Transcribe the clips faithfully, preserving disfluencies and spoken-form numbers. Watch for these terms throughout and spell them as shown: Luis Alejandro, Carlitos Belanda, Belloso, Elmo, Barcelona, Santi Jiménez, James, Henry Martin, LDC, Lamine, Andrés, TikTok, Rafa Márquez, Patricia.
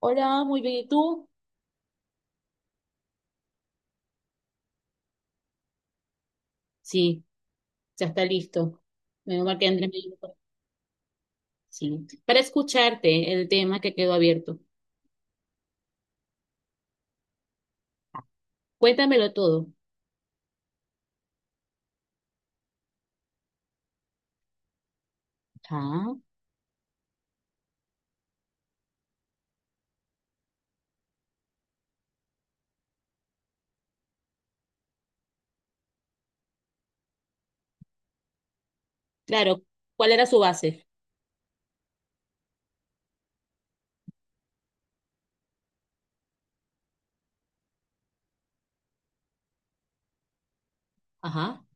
Hola, muy bien. ¿Y tú? Sí, ya está listo. Menos mal que Andrés me dijo. Sí. Para escucharte el tema que quedó abierto. Cuéntamelo todo. Ah, claro. ¿Cuál era su base? Ajá.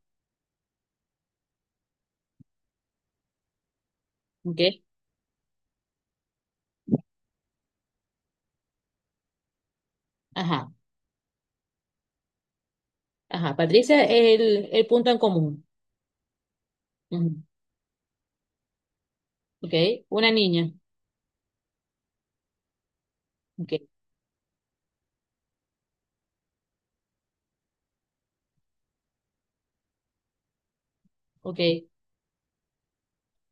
Ok. Ajá. Ajá. Patricia es el, el punto en común. Ujú. Ok. Una niña. Ok. Ok.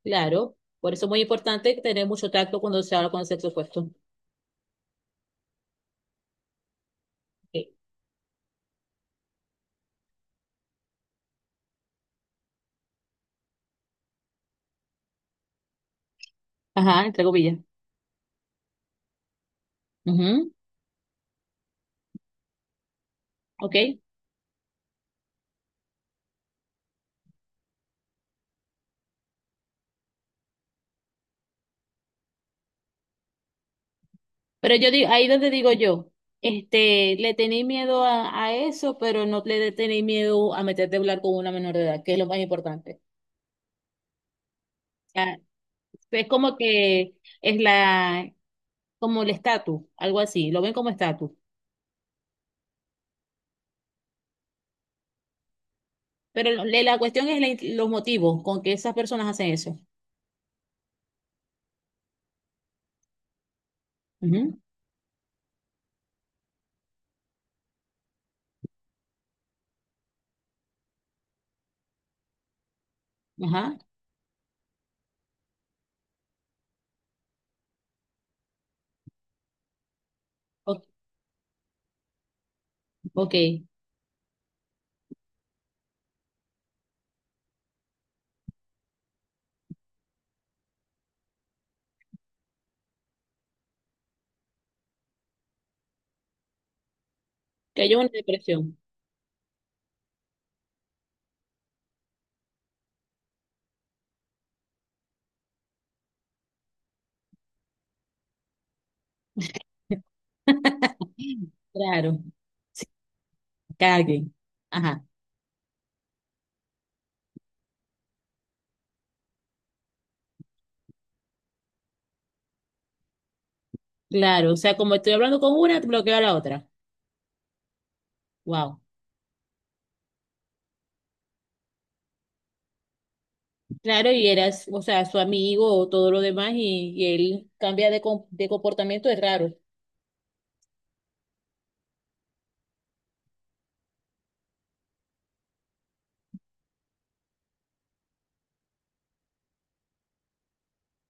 Claro. Por eso es muy importante tener mucho tacto cuando se habla con el sexo opuesto. Ok. Ajá. Entre comillas. Ujú. Ok. Pero yo digo, ahí donde digo yo, este, le tenéis miedo a, a eso, pero no le tenéis miedo a meterte a hablar con una menor de edad, que es lo más importante. O es como que es la, como el estatus, algo así, lo ven como estatus. Pero lo- le- la cuestión es la- los motivos con que esas personas hacen eso. Ujú, ajá. O- ok. Que haya una depresión. Claro. Se caguen. Ajá. Claro. O sea, como estoy hablando con una, bloqueo a la otra. Wow. Claro, y eras, o sea, su amigo o todo lo demás, y, y él cambia de, com- de comportamiento, es raro.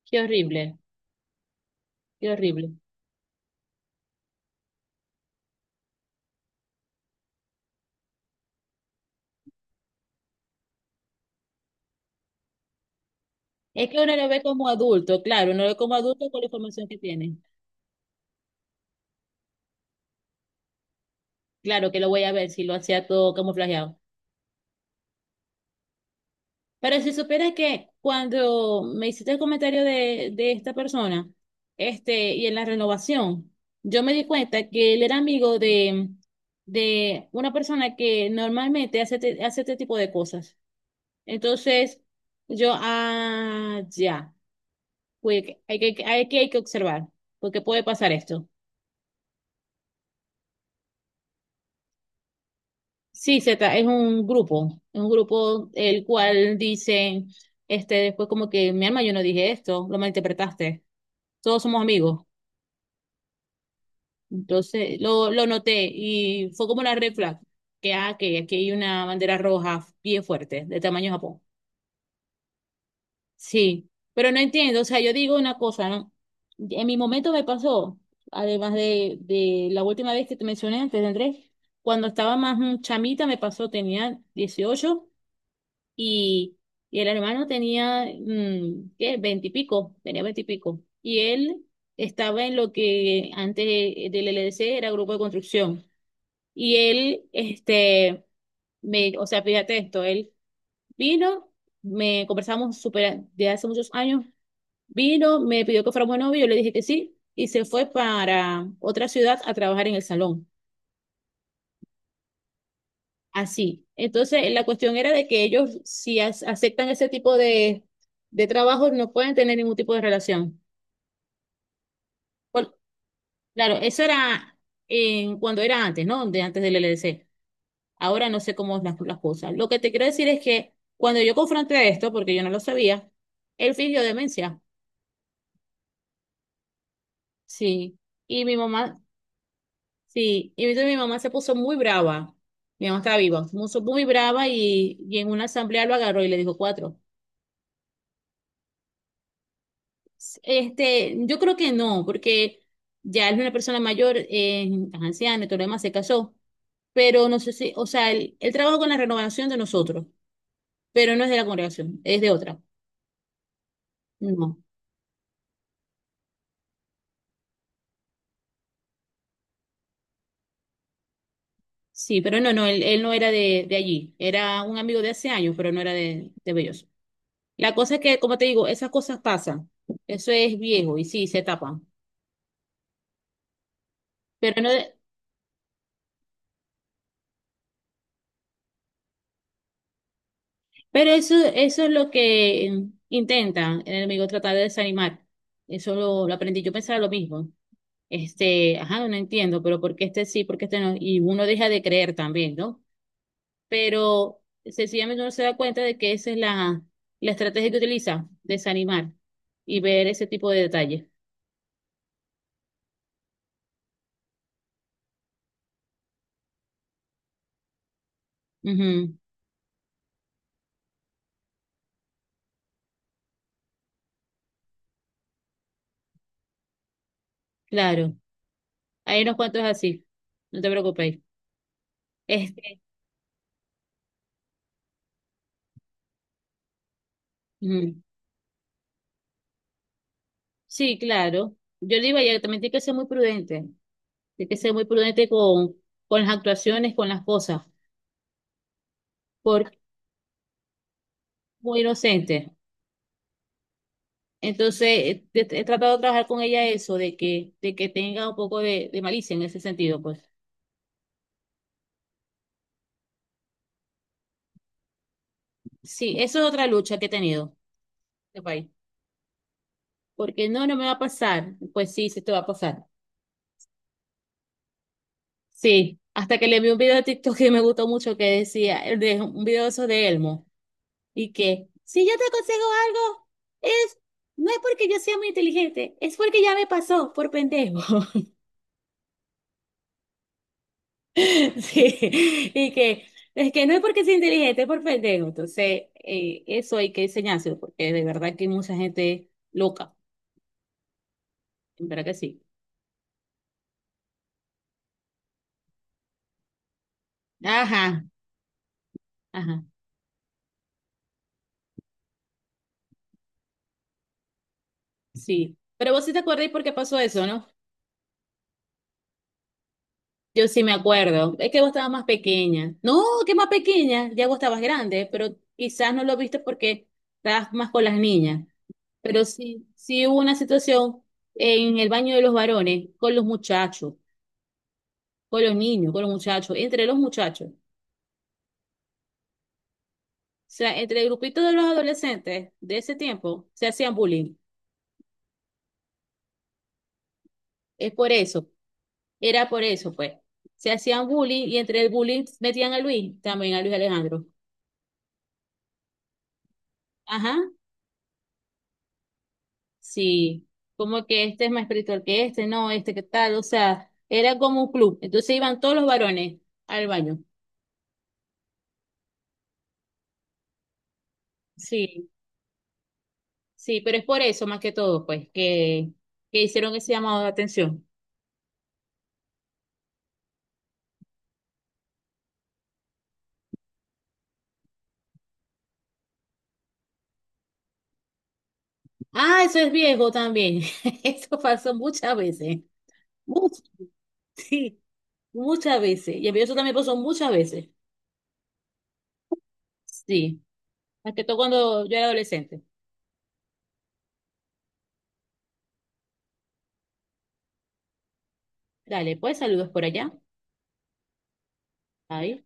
Qué horrible, qué horrible. Es que uno lo ve como adulto, claro, uno lo ve como adulto con la información que tiene. Claro que lo voy a ver si lo hacía todo camuflajeado. Pero si supieras que cuando me hiciste el comentario de, de esta persona, este, y en la renovación, yo me di cuenta que él era amigo de, de una persona que normalmente hace, te- hace este tipo de cosas. Entonces, yo, ah, ya, pues hay que, hay que, hay que observar, porque puede pasar esto. Sí, Z, es un grupo, es un grupo el cual dice, este, después como que, mi alma, yo no dije esto, lo malinterpretaste, todos somos amigos. Entonces, lo, lo noté y fue como una red flag, que, ah, que aquí hay una bandera roja bien fuerte, de tamaño Japón. Sí, pero no entiendo, o sea, yo digo una cosa, ¿no? En mi momento me pasó, además de, de la última vez que te mencioné antes de Andrés, cuando estaba más mm, chamita me pasó, tenía dieciocho y, y el hermano tenía, mm, ¿qué? Veinte y pico, tenía veinte y pico. Y él estaba en lo que antes del L D C era grupo de construcción. Y él, este, me, o sea, fíjate esto, él vino, me conversamos súper de hace muchos años. Vino, me pidió que fuéramos novios, yo le dije que sí, y se fue para otra ciudad a trabajar en el salón. Así. Entonces, la cuestión era de que ellos, si as- aceptan ese tipo de, de trabajo, no pueden tener ningún tipo de relación. Por- claro, eso era en, cuando era antes, ¿no? De antes del L D C. Ahora no sé cómo es las, las cosas. Lo que te quiero decir es que cuando yo confronté esto, porque yo no lo sabía, él fingió demencia. Sí. Y mi mamá Sí, y entonces mi mamá se puso muy brava. Mi mamá estaba viva, se puso muy brava y, y en una asamblea lo agarró y le dijo cuatro. Este, yo creo que no, porque ya es una persona mayor, eh, anciana y todo lo demás, se casó. Pero no sé si, o sea, él, él trabaja con la renovación de nosotros, pero no es de la congregación, es de otra. No, sí, pero no, no, él, él no era de, de allí. Era un amigo de hace años, pero no era de, de Belloso. La cosa es que, como te digo, esas cosas pasan. Eso es viejo y sí, se tapan. Pero no, pero eso, eso es lo que mm, intentan el enemigo tratar de desanimar. Eso lo, lo aprendí. Yo pensaba lo mismo. Este, ajá, no entiendo, pero ¿por qué este sí, por qué este no? Y uno deja de creer también, ¿no? Pero sencillamente uno se da cuenta de que esa es la, la estrategia que utiliza, desanimar y ver ese tipo de detalles. Ujú, claro. Hay unos cuantos así. No te preocupes. Este, ujú. Sí, claro. Yo digo, ella también tiene que ser muy prudente. Hay que ser muy prudente con, con las actuaciones, con las cosas, porque es muy inocente. Entonces, eh, he, he tratado de trabajar con ella eso, de que, de que tenga un poco de, de malicia en ese sentido, pues. Sí, eso es otra lucha que he tenido en este país. Porque no, no me va a pasar. Pues sí, sí te va a pasar. Sí, hasta que le vi un video de TikTok que me gustó mucho que decía, el de, un video de esos de Elmo, y que si yo te aconsejo algo, es, no es porque yo sea muy inteligente, es porque ya me pasó por pendejo. Sí, y que es que no es porque sea inteligente, es por pendejo. Entonces, eh, eso hay que enseñárselo, porque de verdad que hay mucha gente loca, en verdad que sí. Ajá, ajá, sí. Pero vos sí te acordáis por qué pasó eso, ¿no? Yo sí me acuerdo. Es que vos estabas más pequeña. No, que más pequeña, ya vos estabas grande, pero quizás no lo viste porque estabas más con las niñas. Pero sí, sí hubo una situación en el baño de los varones, con los muchachos, con los niños, con los muchachos, entre los muchachos. O sea, entre el grupito de los adolescentes de ese tiempo se hacían bullying. Es por eso, era por eso, pues. Se hacían bullying y entre el bullying metían a Luis, también a Luis Alejandro. Ajá, sí. Como que este es más espiritual que este, no, este que tal, o sea, era como un club. Entonces iban todos los varones al baño. Sí, sí, pero es por eso más que todo, pues, que, que hicieron ese llamado de atención. Ah, eso es viejo también. Eso pasó muchas veces. Mucho. Sí. Muchas veces. Y a mí eso también pasó muchas veces. Sí. Más que todo cuando yo era adolescente. Dale, pues saludos por allá. Ahí.